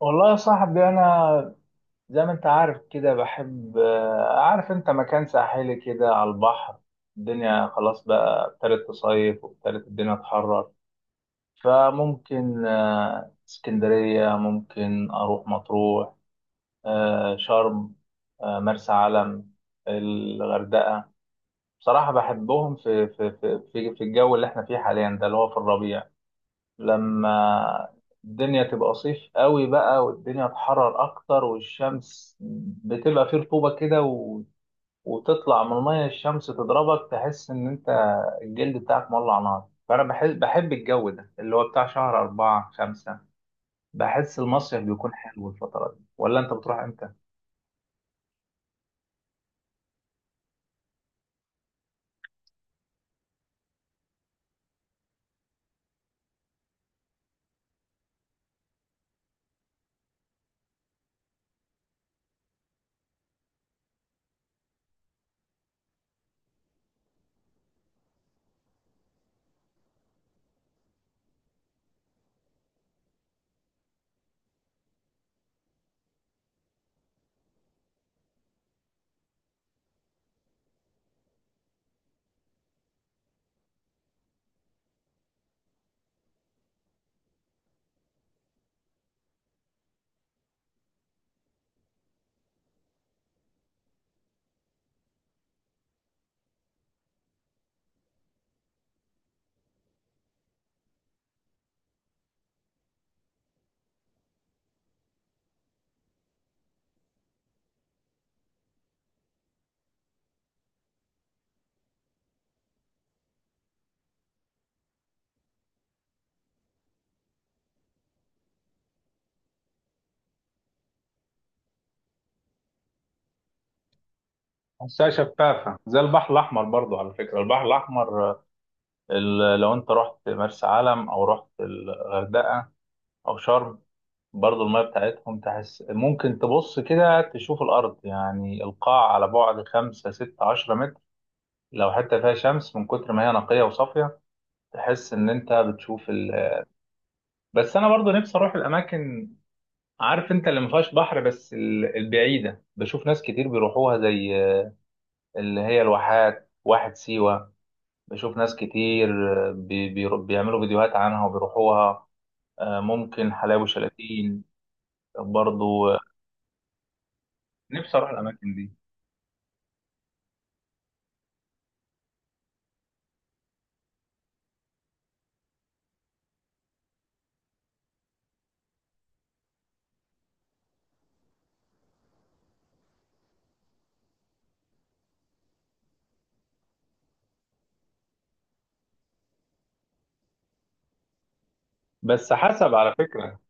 والله يا صاحبي، انا زي ما انت عارف كده بحب، عارف انت مكان ساحلي كده على البحر. الدنيا خلاص بقى ابتدت تصيف وابتدت الدنيا تحرر. فممكن اسكندرية، ممكن اروح مطروح، شرم، مرسى علم، الغردقة. بصراحة بحبهم في الجو اللي احنا فيه حاليا ده، اللي هو في الربيع. لما الدنيا تبقى صيف قوي بقى والدنيا تحرر اكتر والشمس بتبقى فيه رطوبة كده وتطلع من المية الشمس تضربك، تحس ان انت الجلد بتاعك مولع نار. فانا بحس بحب الجو ده اللي هو بتاع شهر أربعة خمسة. بحس المصيف بيكون حلو الفترة دي، ولا انت بتروح امتى؟ بحسها شفافة زي البحر الأحمر برضو. على فكرة البحر الأحمر، لو انت رحت مرسى علم او رحت الغردقة او شرم، برضو المية بتاعتهم تحس ممكن تبص كده تشوف الأرض، يعني القاع على بعد خمسة ستة عشرة متر لو حتى فيها شمس، من كتر ما هي نقية وصافية. تحس إن أنت بتشوف بس أنا برضو نفسي أروح الأماكن، عارف أنت، اللي ما فيهاش بحر، بس البعيدة. بشوف ناس كتير بيروحوها، زي اللي هي الواحات، واحد سيوة. بشوف ناس كتير بيعملوا فيديوهات عنها وبيروحوها. ممكن حلاوي، شلاتين. برضو نفسي أروح الأماكن دي. بس حسب على فكرة،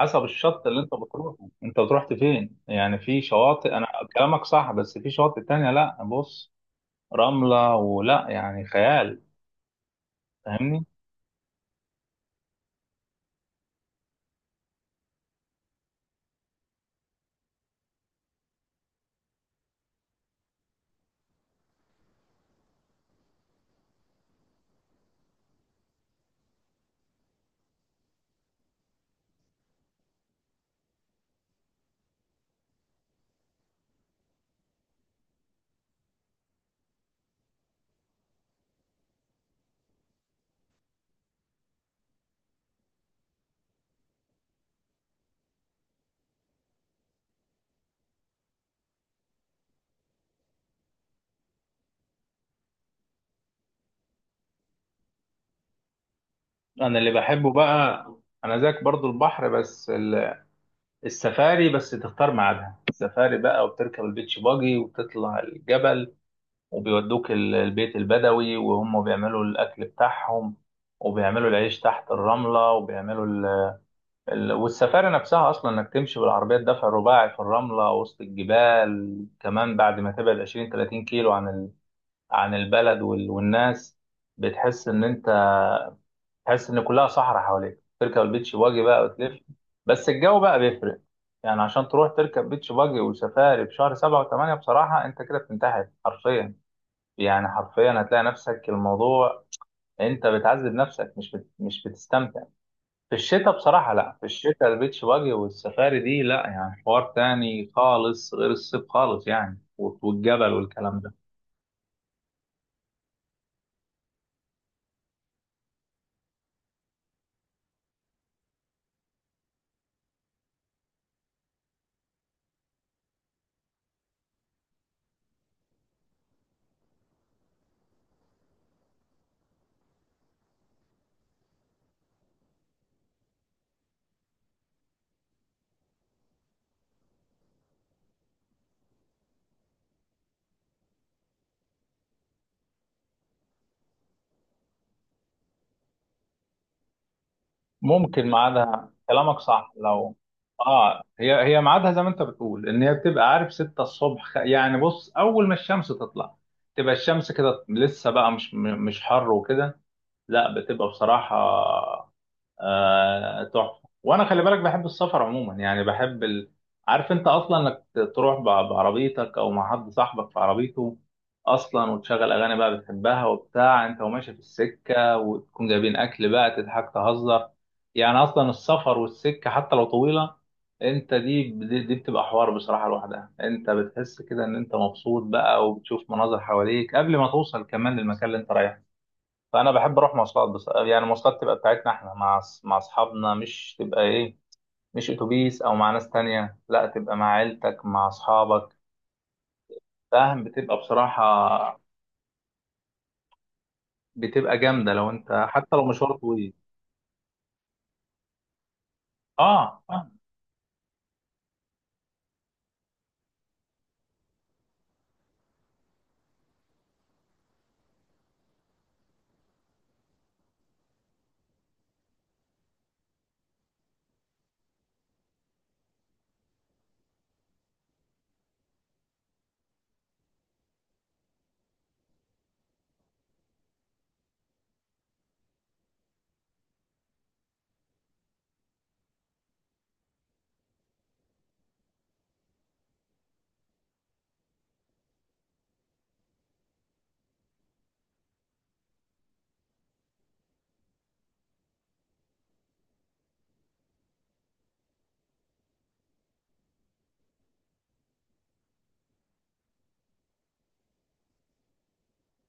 حسب الشط اللي انت بتروحه. انت رحت فين؟ يعني في شواطئ، انا كلامك صح، بس في شواطئ تانية، لا بص، رملة ولا يعني خيال، فاهمني. انا اللي بحبه بقى، انا زيك برضو البحر، بس السفاري. بس تختار ميعادها، السفاري بقى وبتركب البيتش باجي وبتطلع الجبل، وبيودوك البيت البدوي وهم بيعملوا الاكل بتاعهم، وبيعملوا العيش تحت الرملة، وبيعملوا والسفاري نفسها اصلا، انك تمشي بالعربيه الدفع الرباعي في الرمله وسط الجبال، كمان بعد ما تبعد 20 30 كيلو عن عن البلد والناس. بتحس ان انت، تحس ان كلها صحراء حواليك. تركب البيتش باجي بقى وتلف. بس الجو بقى بيفرق، يعني عشان تروح تركب بيتش باجي وسفاري في شهر سبعة وثمانية، بصراحة انت كده بتنتحر حرفيا. يعني حرفيا هتلاقي نفسك، الموضوع انت بتعذب نفسك، مش مش بتستمتع. في الشتاء بصراحة لا، في الشتاء البيتش باجي والسفاري دي لا، يعني حوار تاني خالص غير الصيف خالص، يعني والجبل والكلام ده. ممكن ميعادها كلامك صح لو. اه، هي هي ميعادها زي ما انت بتقول، ان هي بتبقى عارف 6 الصبح، يعني بص اول ما الشمس تطلع تبقى الشمس كده لسه بقى مش مش حر وكده. لا، بتبقى بصراحة تحفة. وانا خلي بالك بحب السفر عموما، يعني بحب عارف انت اصلا، انك تروح بعربيتك او مع حد صاحبك في عربيته اصلا، وتشغل اغاني بقى بتحبها وبتاع، انت وماشي في السكة، وتكون جايبين اكل بقى، تضحك تهزر. يعني اصلا السفر والسكة حتى لو طويلة، انت دي بتبقى حوار بصراحة لوحدها. انت بتحس كده ان انت مبسوط بقى، وبتشوف مناظر حواليك قبل ما توصل كمان للمكان اللي انت رايحه. فانا بحب اروح مواصلات، بس يعني مواصلات تبقى بتاعتنا احنا، مع مع اصحابنا، مش تبقى ايه، مش اتوبيس او مع ناس تانية، لا تبقى مع عيلتك مع اصحابك. فاهم، بتبقى بصراحة، بتبقى جامدة، لو انت حتى لو مشوار طويل. اه، آه.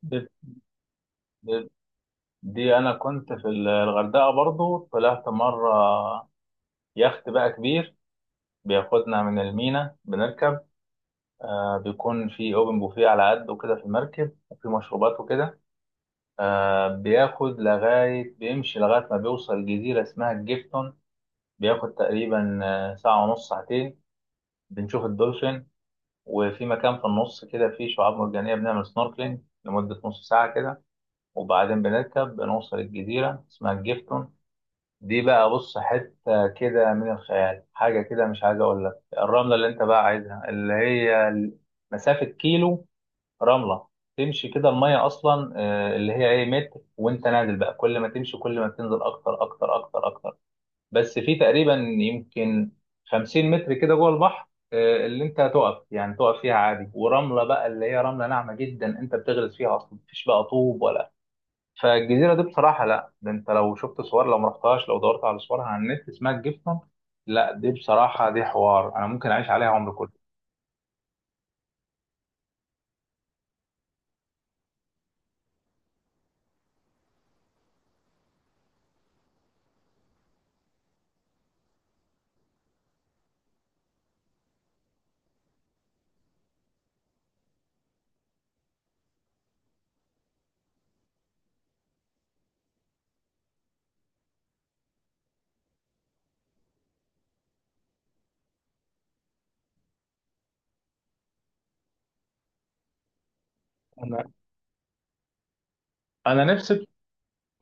ب- ب- دي انا كنت في الغردقة برضو، طلعت مرة يخت بقى كبير، بياخدنا من المينا. بنركب، آه، بيكون في اوبن بوفيه على قد وكده في المركب، وفي مشروبات وكده. آه، بياخد لغاية، بيمشي لغاية ما بيوصل جزيرة اسمها الجيفتون. بياخد تقريبا ساعة ونص، ساعتين. بنشوف الدولفين، وفي مكان في النص كده فيه شعاب مرجانية، بنعمل سنوركلينج لمدة نص ساعة كده. وبعدين بنركب، بنوصل الجزيرة اسمها الجيفتون. دي بقى، بص، حتة كده من الخيال، حاجة كده مش عايز أقول لك. الرملة اللي أنت بقى عايزها، اللي هي مسافة كيلو، رملة تمشي كده، المية أصلا اللي هي إيه، متر، وأنت نازل بقى كل ما تمشي كل ما بتنزل أكتر أكتر أكتر أكتر. بس في تقريبا يمكن 50 متر كده جوه البحر، اللي أنت هتقف يعني، تقف فيها عادي. ورملة بقى اللي هي رملة ناعمة جدا، أنت بتغرز فيها أصلا، مفيش بقى طوب ولا. فالجزيرة دي بصراحة لا، ده أنت لو شفت صور، لو مرحتهاش لو دورت على صورها على النت، اسمها الجيفتون. لا، دي بصراحة، دي حوار، أنا ممكن أعيش عليها عمري كله. انا انا نفسي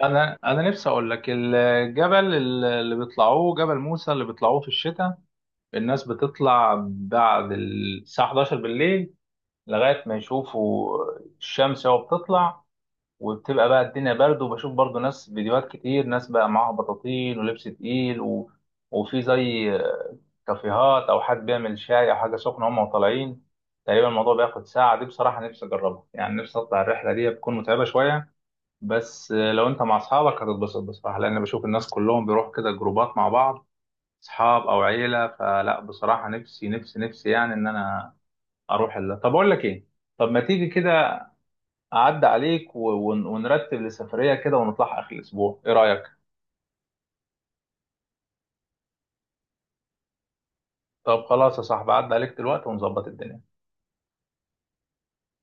انا نفسي اقول لك، الجبل اللي بيطلعوه، جبل موسى، اللي بيطلعوه في الشتاء. الناس بتطلع بعد الساعه 11 بالليل لغايه ما يشوفوا الشمس وهي بتطلع. وبتبقى بقى الدنيا برد، وبشوف برضو ناس فيديوهات كتير، ناس بقى معاها بطاطين ولبس تقيل وفي زي كافيهات، او حد بيعمل شاي او حاجه سخنه، هم طالعين تقريبا، الموضوع بياخد ساعه. دي بصراحه نفسي اجربها، يعني نفسي اطلع الرحله دي. بتكون متعبه شويه بس لو انت مع اصحابك هتتبسط بصراحه، لان بشوف الناس كلهم بيروحوا كده جروبات مع بعض، اصحاب او عيله. فلا بصراحه، نفسي يعني، ان انا اروح طب اقول لك ايه، طب ما تيجي كده اعدي عليك ونرتب لسفريه كده ونطلع اخر الاسبوع، ايه رايك؟ طب خلاص يا صاحبي، اعدي عليك دلوقتي ونظبط الدنيا.